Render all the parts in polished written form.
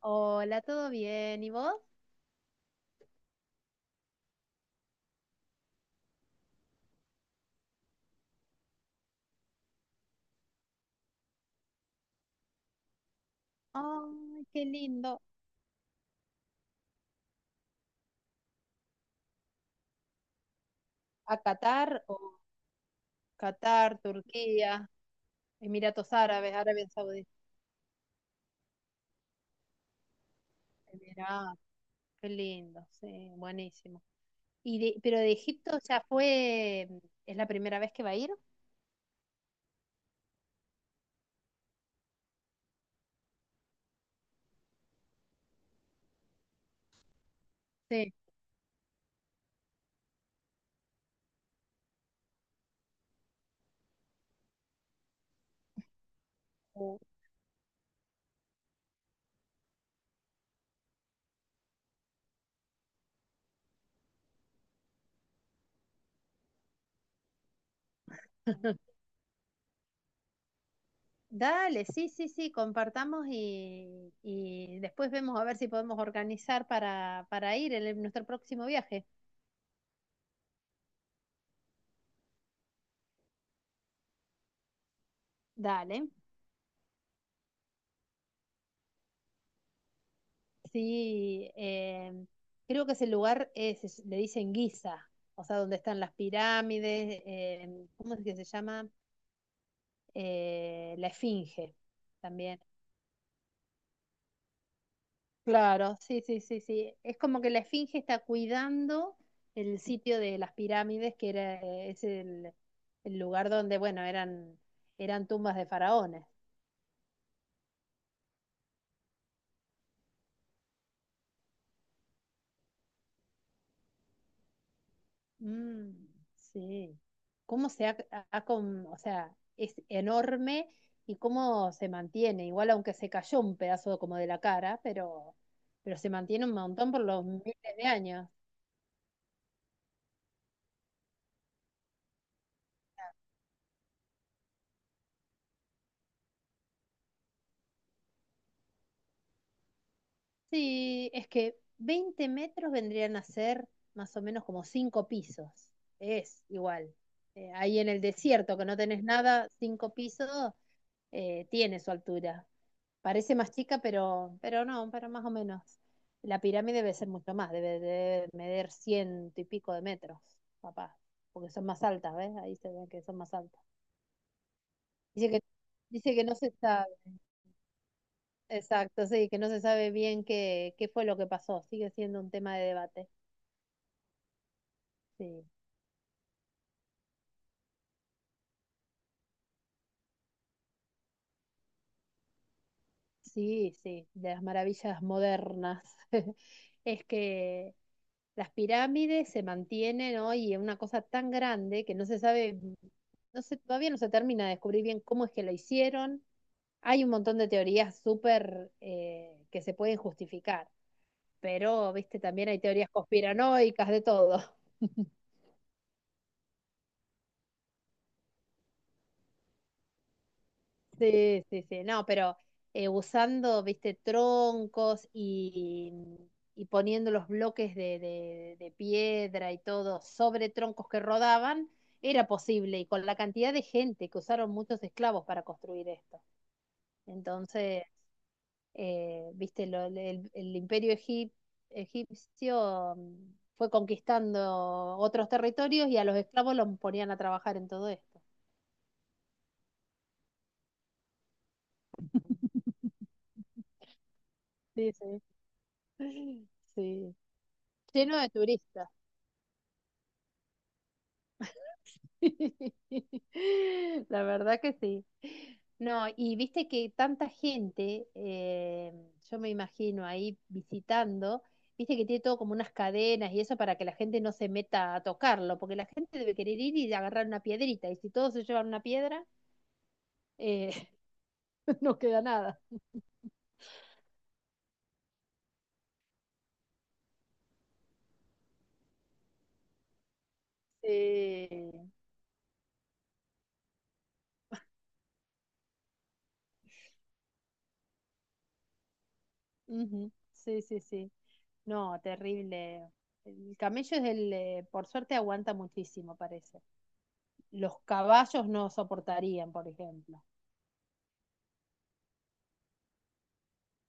Hola, ¿todo bien? ¿Y vos? Ay, qué lindo. ¿A Qatar o Qatar, Turquía, Emiratos Árabes, Arabia Saudita? Emiratos, qué lindo, sí, buenísimo. ¿Y pero de Egipto ya fue, es la primera vez que va a ir? Sí. O- Dale, sí, sí, sí, compartamos y después vemos a ver si podemos organizar para ir nuestro próximo viaje. Dale. Sí, creo que ese lugar es, le dicen Giza, o sea, donde están las pirámides, ¿cómo es que se llama? La Esfinge también. Claro, sí, sí, sí, sí. Es como que la Esfinge está cuidando el sitio de las pirámides, es el lugar donde, bueno, eran tumbas de faraones. Mm, sí. ¿Cómo se ha, ha con- o sea, es enorme y cómo se mantiene? Igual aunque se cayó un pedazo como de la cara, pero se mantiene un montón por los miles de años. Sí, es que 20 metros vendrían a ser más o menos como 5 pisos. Es igual. Ahí en el desierto, que no tenés nada, 5 pisos, tiene su altura. Parece más chica, pero no, pero más o menos. La pirámide debe ser mucho más, debe medir ciento y pico de metros, papá, porque son más altas, ¿ves? Ahí se ve que son más altas. Dice que, Dice que no se sabe, exacto, sí, que no se sabe bien qué fue lo que pasó, sigue siendo un tema de debate. Sí. Sí, sí, de las maravillas modernas. Es que las pirámides se mantienen hoy en una cosa tan grande que no se sabe, todavía no se termina de descubrir bien cómo es que la hicieron. Hay un montón de teorías súper que se pueden justificar, pero, viste, también hay teorías conspiranoicas de todo. Sí, sí, sí, no, pero usando, viste, troncos y poniendo los bloques de piedra y todo sobre troncos que rodaban, era posible y con la cantidad de gente que usaron muchos esclavos para construir esto. Entonces, viste, el imperio egipcio fue conquistando otros territorios y a los esclavos los ponían a trabajar en todo esto. Sí, sí. Sí, lleno de turistas. La verdad que sí. No, y viste que tanta gente, yo me imagino ahí visitando, viste que tiene todo como unas cadenas y eso para que la gente no se meta a tocarlo, porque la gente debe querer ir y agarrar una piedrita, y si todos se llevan una piedra, eh, no queda nada. Sí, ujú, sí, sí, sí. No, terrible. El camello por suerte aguanta muchísimo, parece. Los caballos no soportarían, por ejemplo.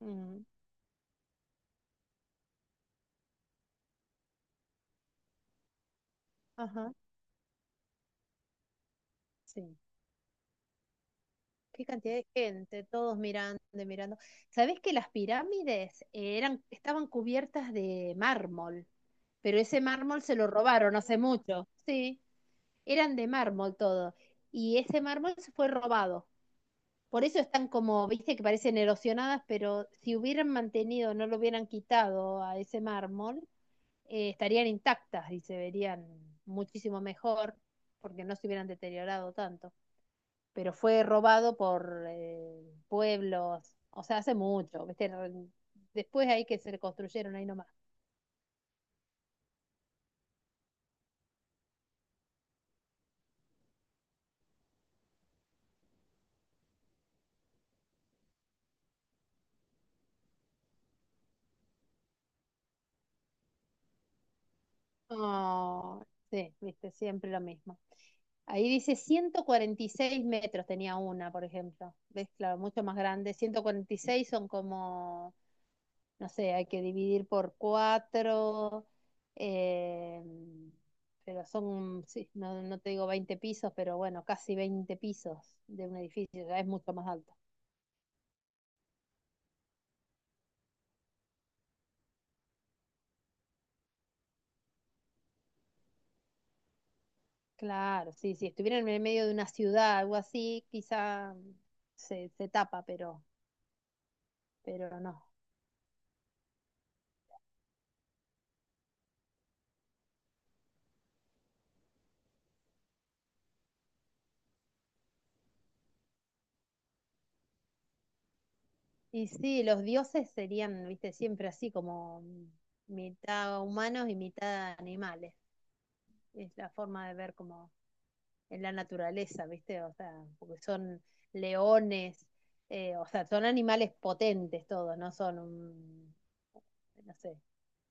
Mm, ajá. Sí. Qué cantidad de gente, todos mirando, mirando. ¿Sabés que las pirámides estaban cubiertas de mármol? Pero ese mármol se lo robaron hace mucho. Sí, eran de mármol todo. Y ese mármol se fue robado. Por eso están como, viste, que parecen erosionadas, pero si hubieran mantenido, no lo hubieran quitado a ese mármol, estarían intactas y se verían muchísimo mejor porque no se hubieran deteriorado tanto. Pero fue robado por pueblos, o sea, hace mucho, viste, después ahí que se construyeron ahí nomás. Oh, sí, viste, siempre lo mismo. Ahí dice 146 metros tenía una, por ejemplo. ¿Ves? Claro, mucho más grande. 146 son como, no sé, hay que dividir por cuatro, eh, pero son, sí, no, no te digo 20 pisos, pero bueno, casi 20 pisos de un edificio, ya es mucho más alto. Claro, sí, si estuviera en el medio de una ciudad, algo así, quizá se tapa, pero no. Y sí, los dioses serían, viste, siempre así como mitad humanos y mitad animales. Es la forma de ver como en la naturaleza, viste, o sea, porque son leones, o sea, son animales potentes todos, no sé.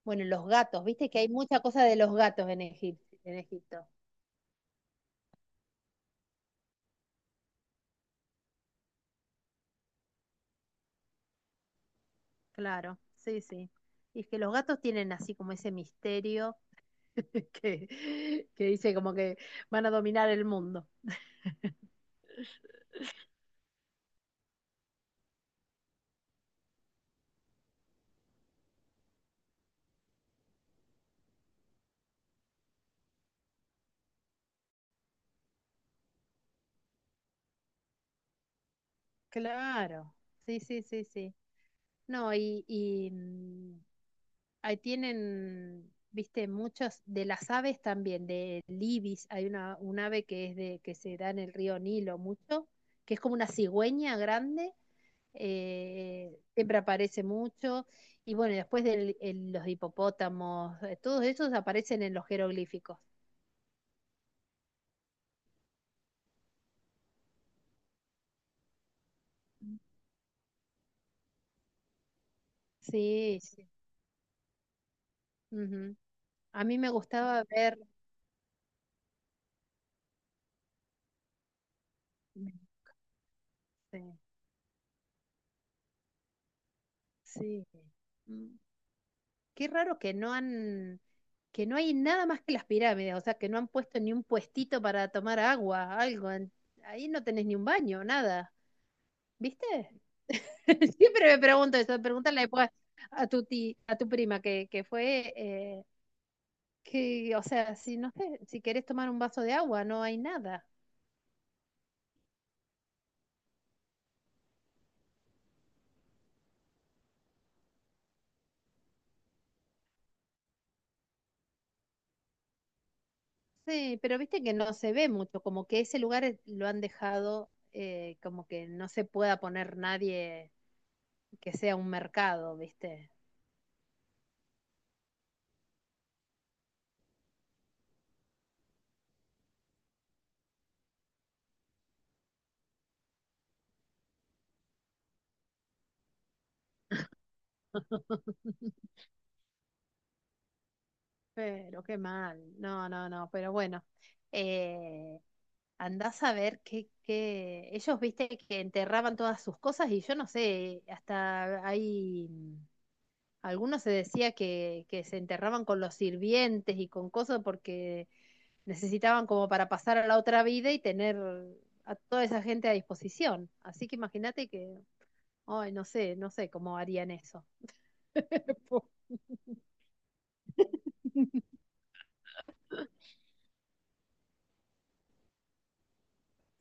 Bueno, los gatos, viste que hay mucha cosa de los gatos en Egipto. Claro, sí, sí. Y es que los gatos tienen así como ese misterio que, que dice como que van a dominar el mundo. Claro, sí, sí, sí, sí. No, ahí tienen, viste, muchos, de las aves también, de ibis, un ave que es de, que se da en el río Nilo mucho, que es como una cigüeña grande, siempre aparece mucho, y bueno, y después de los hipopótamos, todos esos aparecen en los jeroglíficos. Sí, sí. Ujú. A mí me gustaba ver, sí. Sí. Mm. Qué raro que que no hay nada más que las pirámides, o sea, que no han puesto ni un puestito para tomar agua, algo. Ahí no tenés ni un baño, nada. ¿Viste? Siempre me pregunto eso, pregúntale después a tu prima que fue, o sea, si no sé, si querés tomar un vaso de agua, no hay nada. Sí, pero viste que no se ve mucho, como que ese lugar lo han dejado, como que no se pueda poner nadie que sea un mercado, ¿viste? Pero qué mal. No, no, no, pero bueno. Eh, andás a ver qué. Ellos, viste, que enterraban todas sus cosas y yo no sé, hasta hay. Algunos se decía que se enterraban con los sirvientes y con cosas porque necesitaban como para pasar a la otra vida y tener a toda esa gente a disposición. Así que imagínate que, ay, no sé cómo harían eso.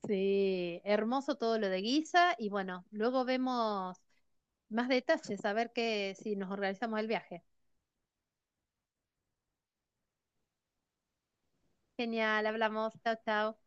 Sí, hermoso todo lo de Guisa y bueno, luego vemos más detalles, a ver que, si nos organizamos el viaje. Genial, hablamos, chao, chao.